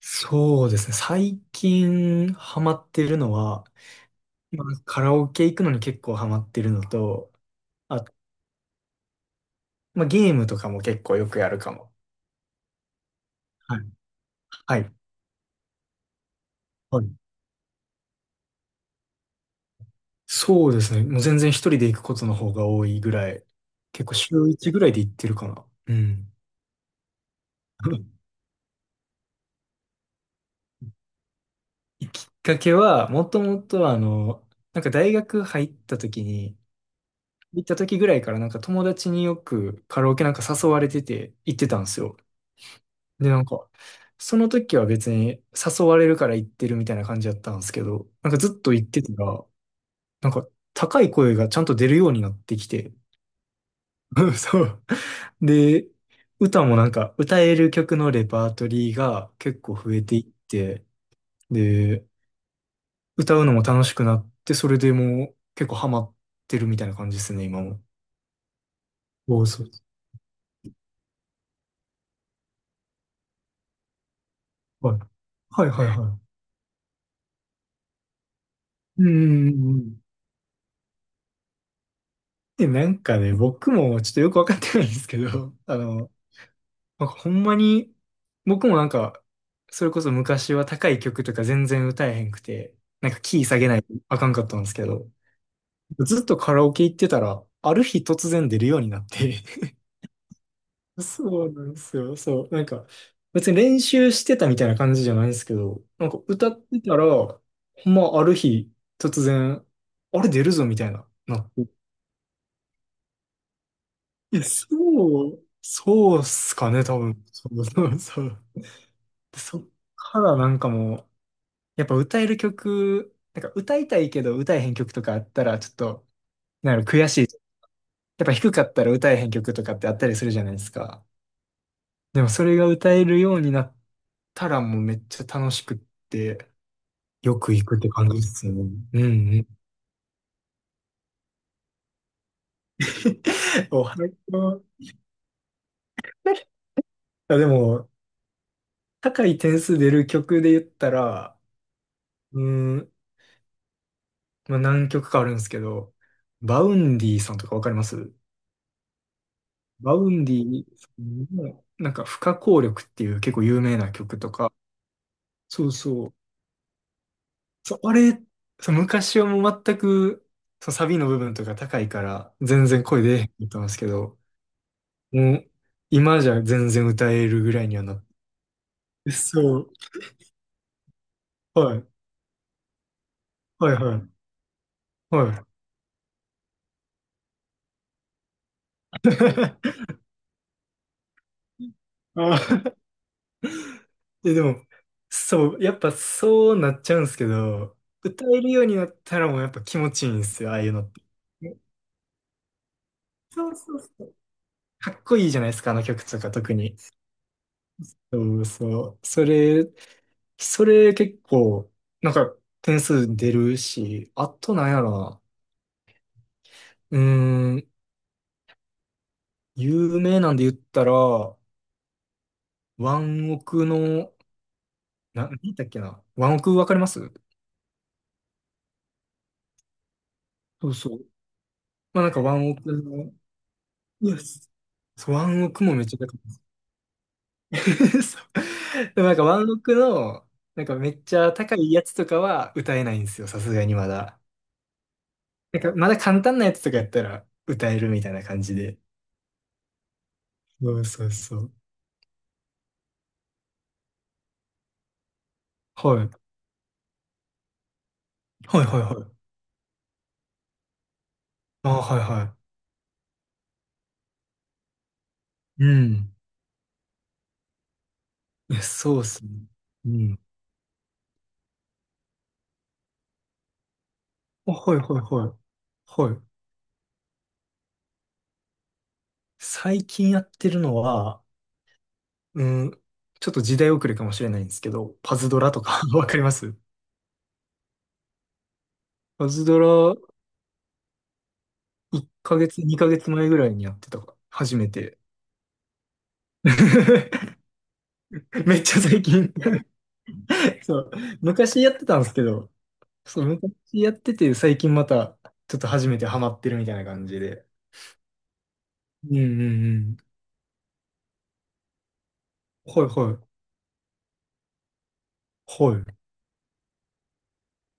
そうですね。最近ハマってるのは、まあ、カラオケ行くのに結構ハマってるのと、あ、まあ、ゲームとかも結構よくやるかも。はい。はい。はい。そうですね。もう全然一人で行くことの方が多いぐらい、結構週一ぐらいで行ってるかな。うん。きっかけは、もともとなんか大学入った時に、行った時ぐらいからなんか友達によくカラオケなんか誘われてて行ってたんですよ。で、なんか、その時は別に誘われるから行ってるみたいな感じだったんですけど、なんかずっと行ってたら、なんか高い声がちゃんと出るようになってきて、そう。で、歌もなんか歌える曲のレパートリーが結構増えていって、で、歌うのも楽しくなって、それでもう結構ハマってるみたいな感じですね、今も。そうそうそう。はいはいはいはい。うんうんうんうん。で、なんかね、僕もちょっとよくわかってないんですけど、なんかほんまに、僕もなんか、それこそ昔は高い曲とか全然歌えへんくて、なんかキー下げないとあかんかったんですけど、ずっとカラオケ行ってたら、ある日突然出るようになって。 そうなんですよ。そう。なんか、別に練習してたみたいな感じじゃないんですけど、なんか歌ってたら、ほんまある日突然、あれ出るぞみたいな、なって。いや、そう、そうっすかね、多分。そうそうそう。で、そっからなんかもう、やっぱ歌える曲、なんか歌いたいけど歌えへん曲とかあったらちょっと、なんやろ悔しい。やっぱ低かったら歌えへん曲とかってあったりするじゃないですか。でもそれが歌えるようになったらもうめっちゃ楽しくって、よく行くって感じですよね。うんうん。おはよう。あ、でも、高い点数出る曲で言ったら、うーん、まあ、何曲かあるんですけど、バウンディさんとかわかります？バウンディの、なんか、不可抗力っていう結構有名な曲とか、そうそう。そう、あれ、そう昔はもう全く、そうサビの部分とか高いから、全然声出えへんかったんですけど、もう、今じゃ全然歌えるぐらいにはなって。そう。はい。はいはい。はい。あー、え、でも、そう、やっぱそうなっちゃうんですけど、歌えるようになったらもうやっぱ気持ちいいんですよ、ああいうのって。そうそうそう。かっこいいじゃないですか、あの曲とか特に。そうそう。それ結構、なんか点数出るし、あとなんやろな。うーん、有名なんで言ったら、ワンオクの、何だっけな。ワンオクわかります？そうそう。まあなんかワンオクの、いや、そうワンオクもめっちゃ高いです。そう。でもなんかワンオクの、なんかめっちゃ高いやつとかは歌えないんですよ、さすがにまだ。なんかまだ簡単なやつとかやったら歌えるみたいな感じで。そうそうそう。はい。はいはいはい。あ、はいはい。うん。いや、そうっすね。うん。あ、はいはいはい。はい。最近やってるのは、うん、ちょっと時代遅れかもしれないんですけど、パズドラとか。 わかります？パズドラ1ヶ月、2ヶ月前ぐらいにやってたか、初めて。めっちゃ最近。 そう。昔やってたんですけど、そう、昔やってて、最近また、ちょっと初めてハマってるみたいな感じで。うんうんうん。はいはい。はい。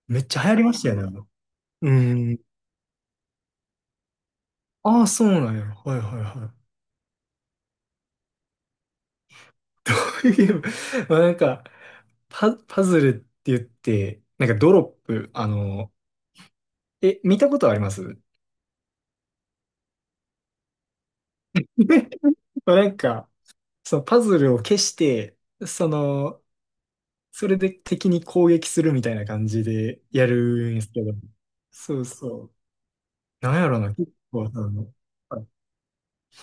めっちゃ流行りましたよね、あの。うん。ああ、そうなんや。はいはいはい。こういうゲーム。まあなんか、パズルって言って、なんかドロップ、あの、え、見たことあります？ まあなんか、そのパズルを消して、その、それで敵に攻撃するみたいな感じでやるんですけど。そうそう。なんやろな、結構さ、あの、はい。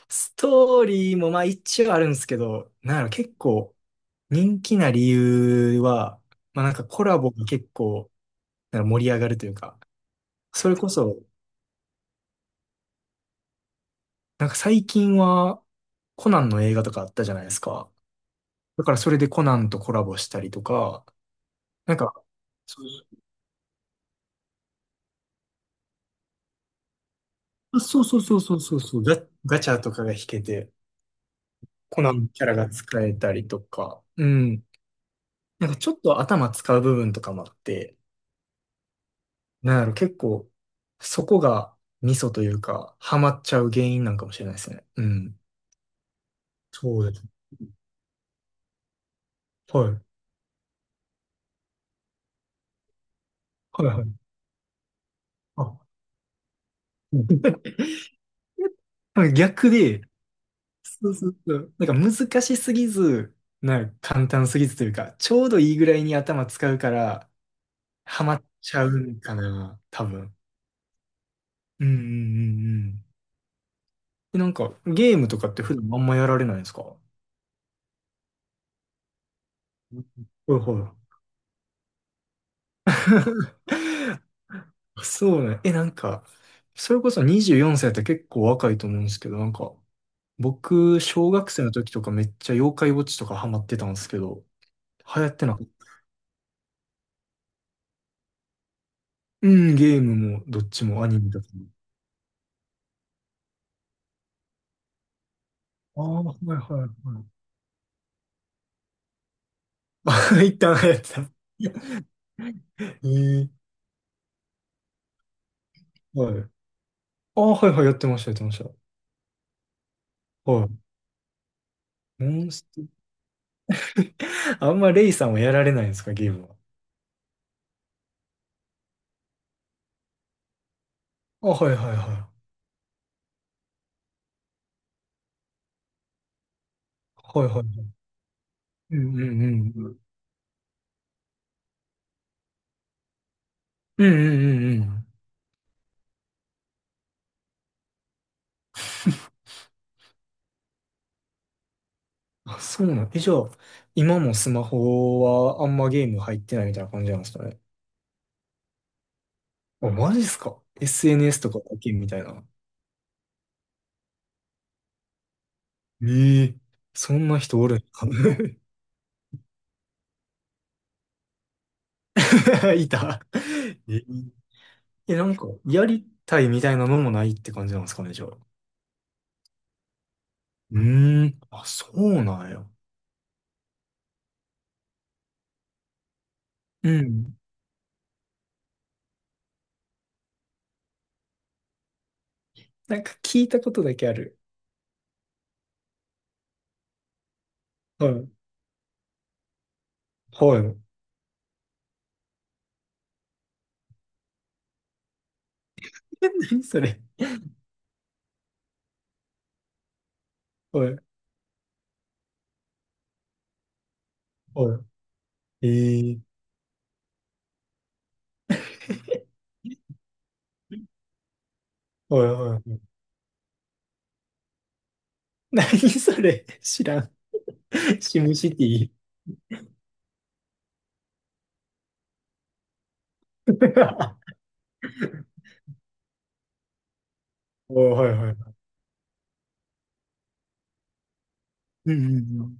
ストーリーもまあ一応あるんですけど、なんやろ、結構人気な理由は、まあなんかコラボが結構なんか盛り上がるというか、それこそ、なんか最近はコナンの映画とかあったじゃないですか。だからそれでコナンとコラボしたりとか、なんか、そうそうそうそうそうそうそう、ガチャとかが引けて、コナンのキャラが使えたりとか、うん。なんかちょっと頭使う部分とかもあって、なんやろ、結構、そこがミソというか、ハマっちゃう原因なんかもしれないですね。うん。そうです。はい。はいはい。あ、うん。 逆で、そうそうそう。なんか難しすぎず、なんか簡単すぎずというか、ちょうどいいぐらいに頭使うから、ハマっちゃうんかな、多分。うんうんうんうん。で、なんかゲームとかって普段あんまやられないんですか？うん。はいはい。そうね。え、なんか、それこそ24歳って結構若いと思うんですけど、なんか、僕、小学生の時とかめっちゃ妖怪ウォッチとかハマってたんですけど、流行ってなかった？うん、ゲームもどっちもアニメだと思う。ああ、はいはいはい。一旦流行ってた。えー、はい。ああ、はいはい、やってました、やってました。はい。モンスト。あんまレイさんはやられないんですか、ゲームは。あ、はいはいはい。はいはいはい。うんうんうん。うんうんうんうん。あ、そうなん。え、じゃあ、今もスマホはあんまゲーム入ってないみたいな感じなんですかね。あ、マジっすか？ SNS とかだけみたいな。ええ、そんな人おるんか。 いた。え、え、なんか、やりたいみたいなのもないって感じなんですかね、じゃあ。うーん。あ、そうなんや。うん。なんか聞いたことだけある。はい。はい。え、何それ。はい。はい。ええ。はいはいはい。何それ。知らん。シムシティ。おー、はいはい。うんうんうん。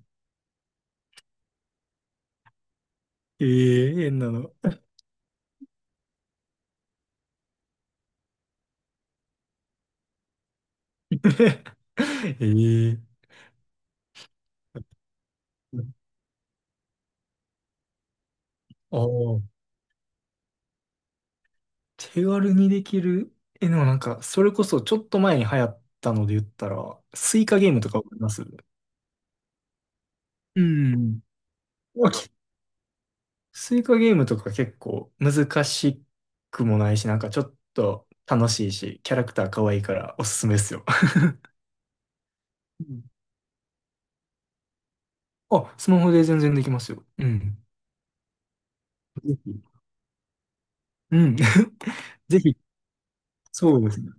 ええ、変なの。ええ。ああ、手軽にできる。え、でもなんか、それこそちょっと前に流行ったので言ったら、スイカゲームとかわかります？うん。わけ、スイカゲームとか結構難しくもないし、なんかちょっと楽しいし、キャラクター可愛いからおすすめですよ。うん。あ、スマホで全然できますよ。うん。ぜひ。うん。ぜひ。そうですね。